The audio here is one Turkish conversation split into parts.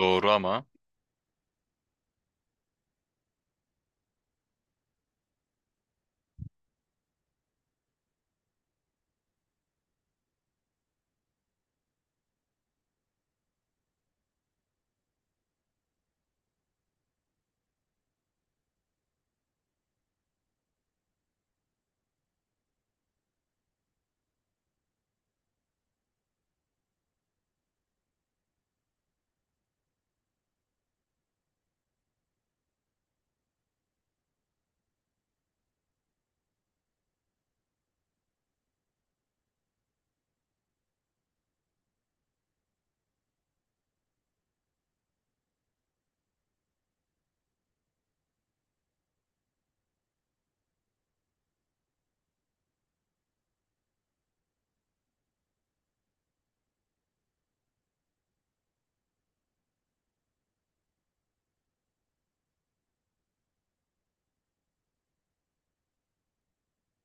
Doğru ama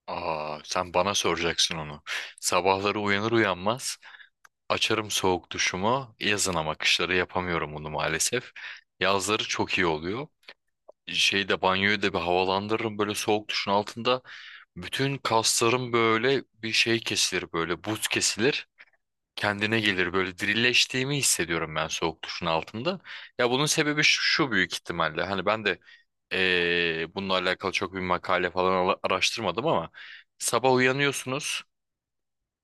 sen bana soracaksın onu. Sabahları uyanır uyanmaz açarım soğuk duşumu. Yazın, ama kışları yapamıyorum bunu maalesef. Yazları çok iyi oluyor. Şeyde banyoyu da bir havalandırırım böyle soğuk duşun altında. Bütün kaslarım böyle bir şey kesilir, böyle buz kesilir, kendine gelir, böyle dirileştiğimi hissediyorum ben soğuk duşun altında. Ya bunun sebebi şu, şu büyük ihtimalle, hani ben de bununla alakalı çok bir makale falan araştırmadım, ama sabah uyanıyorsunuz,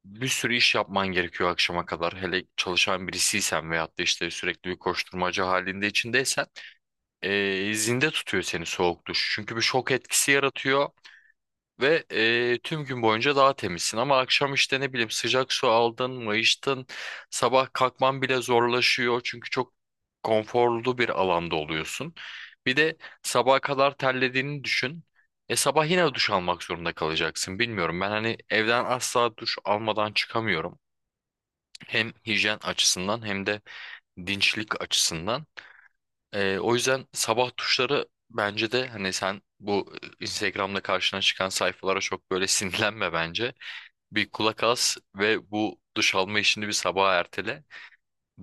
bir sürü iş yapman gerekiyor akşama kadar, hele çalışan birisiysen veyahut da işte sürekli bir koşturmaca halinde içindeysen, zinde tutuyor seni soğuk duş, çünkü bir şok etkisi yaratıyor ve tüm gün boyunca daha temizsin. Ama akşam işte, ne bileyim, sıcak su aldın, mayıştın, sabah kalkman bile zorlaşıyor, çünkü çok konforlu bir alanda oluyorsun. Bir de sabaha kadar terlediğini düşün. E, sabah yine duş almak zorunda kalacaksın. Bilmiyorum, ben hani evden asla duş almadan çıkamıyorum. Hem hijyen açısından, hem de dinçlik açısından. O yüzden sabah tuşları bence de, hani sen bu Instagram'da karşına çıkan sayfalara çok böyle sinirlenme bence. Bir kulak as ve bu duş alma işini bir sabaha ertele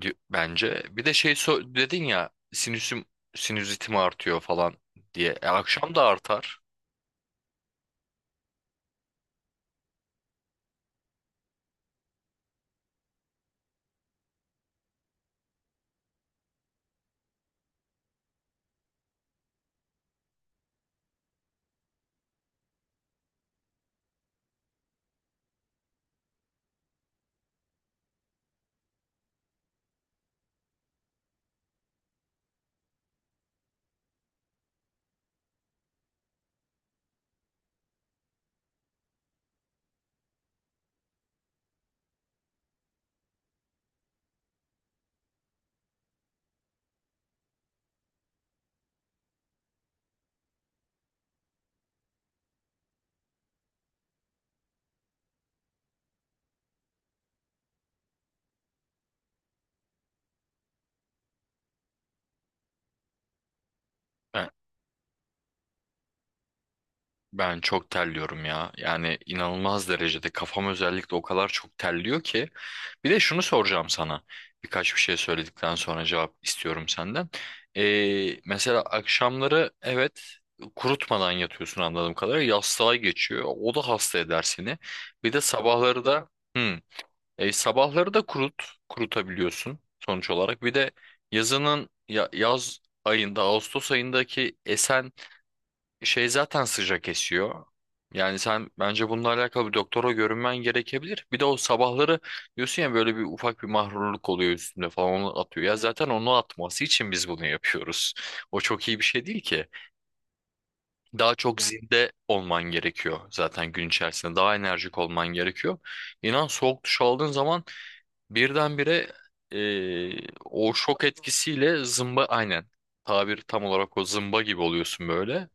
bence. Bir de şey, dedin ya, sinüsüm sinüzitim artıyor falan diye. E, akşam da artar. Ben çok terliyorum ya. Yani inanılmaz derecede kafam özellikle o kadar çok terliyor ki. Bir de şunu soracağım sana. Birkaç bir şey söyledikten sonra cevap istiyorum senden. Mesela akşamları evet, kurutmadan yatıyorsun anladığım kadarıyla. Yastığa geçiyor. O da hasta eder seni. Bir de sabahları da, hı, e, sabahları da kurutabiliyorsun sonuç olarak. Bir de yaz ayında, Ağustos ayındaki esen şey zaten sıcak esiyor. Yani sen bence bununla alakalı bir doktora görünmen gerekebilir. Bir de o sabahları diyorsun ya, böyle bir ufak bir mahrurluk oluyor üstünde falan, onu atıyor. Ya zaten onu atması için biz bunu yapıyoruz. O çok iyi bir şey değil ki. Daha çok, yani zinde olman gerekiyor zaten gün içerisinde. Daha enerjik olman gerekiyor. İnan, soğuk duş aldığın zaman birdenbire, eee o şok etkisiyle zımba, aynen, tabir tam olarak o, zımba gibi oluyorsun böyle.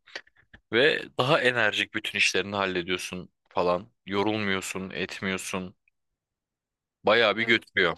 Ve daha enerjik bütün işlerini hallediyorsun falan. Yorulmuyorsun, etmiyorsun. Bayağı bir, evet, götürüyor.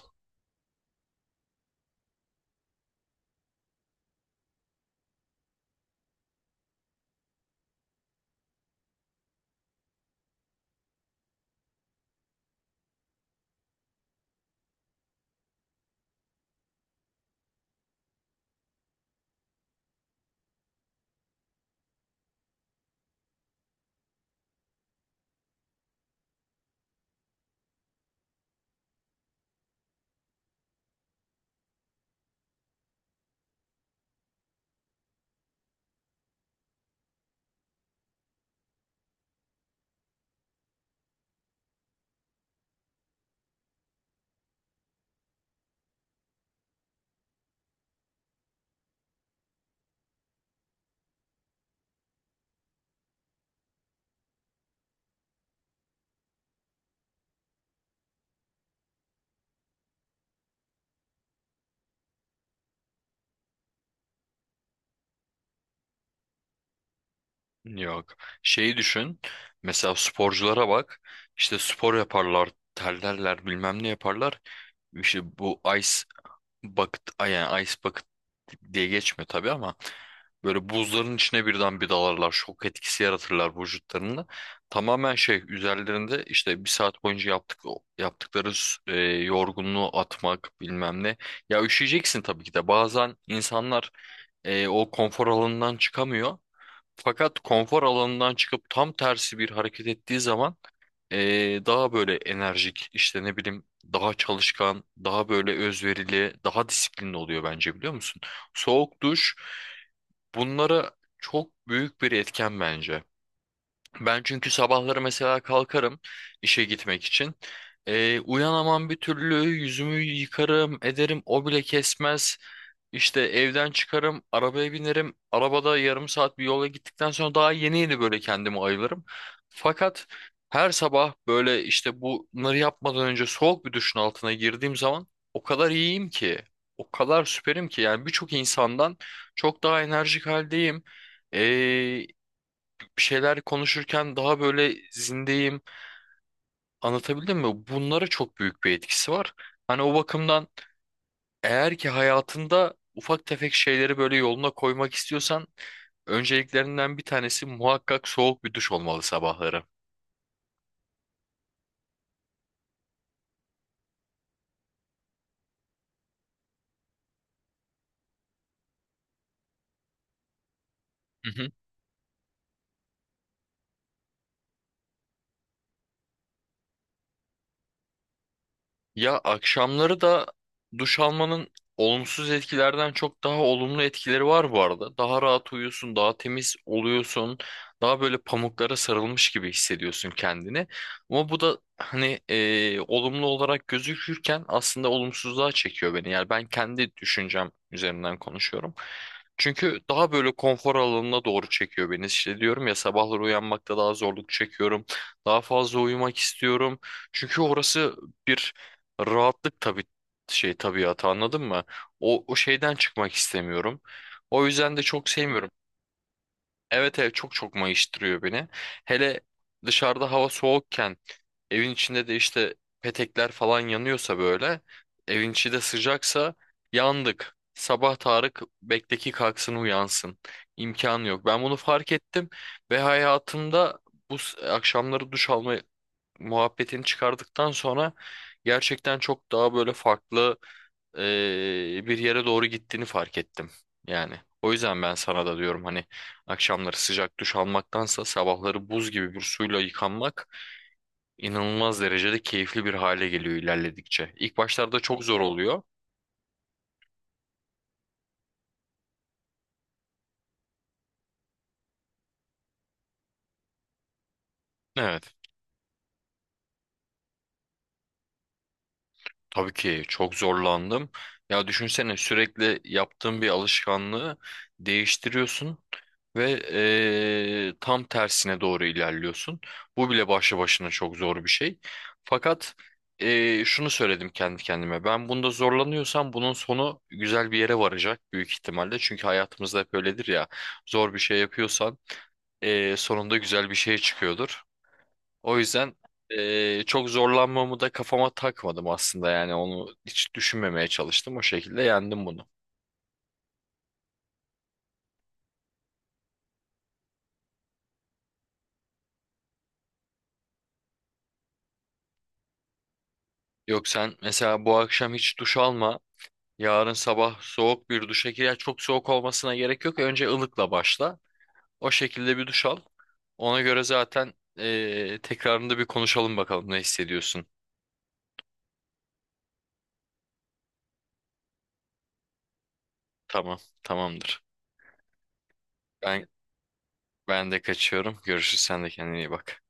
Yok. Şeyi düşün. Mesela sporculara bak. İşte spor yaparlar, terlerler, bilmem ne yaparlar. İşte bu yani ice bucket diye geçmiyor tabii, ama böyle buzların içine birden bir dalarlar. Şok etkisi yaratırlar vücutlarında. Tamamen şey üzerlerinde, işte bir saat boyunca yaptıkları, e, yorgunluğu atmak bilmem ne. Ya üşüyeceksin tabii ki de. Bazen insanlar, e, o konfor alanından çıkamıyor. Fakat konfor alanından çıkıp tam tersi bir hareket ettiği zaman, daha böyle enerjik, işte ne bileyim, daha çalışkan, daha böyle özverili, daha disiplinli oluyor bence, biliyor musun? Soğuk duş bunlara çok büyük bir etken bence. Ben çünkü sabahları mesela kalkarım işe gitmek için. Uyanamam bir türlü, yüzümü yıkarım ederim, o bile kesmez. İşte evden çıkarım, arabaya binerim. Arabada yarım saat bir yola gittikten sonra daha yeni yeni böyle kendimi ayılırım. Fakat her sabah böyle işte bunları yapmadan önce soğuk bir duşun altına girdiğim zaman, o kadar iyiyim ki. O kadar süperim ki, yani birçok insandan çok daha enerjik haldeyim, bir şeyler konuşurken daha böyle zindeyim. Anlatabildim mi? Bunlara çok büyük bir etkisi var. Hani o bakımdan, eğer ki hayatında ufak tefek şeyleri böyle yoluna koymak istiyorsan, önceliklerinden bir tanesi muhakkak soğuk bir duş olmalı sabahları. Hı hı. Ya akşamları da duş almanın olumsuz etkilerden çok daha olumlu etkileri var bu arada. Daha rahat uyuyorsun, daha temiz oluyorsun, daha böyle pamuklara sarılmış gibi hissediyorsun kendini. Ama bu da hani, olumlu olarak gözükürken aslında olumsuzluğa çekiyor beni. Yani ben kendi düşüncem üzerinden konuşuyorum. Çünkü daha böyle konfor alanına doğru çekiyor beni. İşte diyorum ya, sabahları uyanmakta daha zorluk çekiyorum. Daha fazla uyumak istiyorum. Çünkü orası bir rahatlık tabii, şey, tabiatı, anladın mı? O şeyden çıkmak istemiyorum. O yüzden de çok sevmiyorum. Evet, evet, çok çok mayıştırıyor beni. Hele dışarıda hava soğukken, evin içinde de işte petekler falan yanıyorsa, böyle evin içi de sıcaksa, yandık. Sabah Tarık bekteki kalksın uyansın. İmkanı yok. Ben bunu fark ettim ve hayatımda bu akşamları duş alma muhabbetini çıkardıktan sonra gerçekten çok daha böyle farklı, bir yere doğru gittiğini fark ettim. Yani o yüzden ben sana da diyorum, hani akşamları sıcak duş almaktansa sabahları buz gibi bir suyla yıkanmak inanılmaz derecede keyifli bir hale geliyor ilerledikçe. İlk başlarda çok zor oluyor. Evet. Tabii ki çok zorlandım. Ya düşünsene, sürekli yaptığın bir alışkanlığı değiştiriyorsun ve tam tersine doğru ilerliyorsun. Bu bile başlı başına çok zor bir şey. Fakat şunu söyledim kendi kendime. Ben bunda zorlanıyorsam bunun sonu güzel bir yere varacak büyük ihtimalle. Çünkü hayatımızda hep öyledir ya. Zor bir şey yapıyorsan sonunda güzel bir şey çıkıyordur. O yüzden çok zorlanmamı da kafama takmadım aslında, yani onu hiç düşünmemeye çalıştım. O şekilde yendim bunu. Yok, sen mesela bu akşam hiç duş alma. Yarın sabah soğuk bir duşa gir. Ya çok soğuk olmasına gerek yok. Önce ılıkla başla. O şekilde bir duş al. Ona göre zaten tekrarında bir konuşalım bakalım ne hissediyorsun. Tamam, tamamdır. Ben ben de kaçıyorum. Görüşürüz. Sen de kendine iyi bak.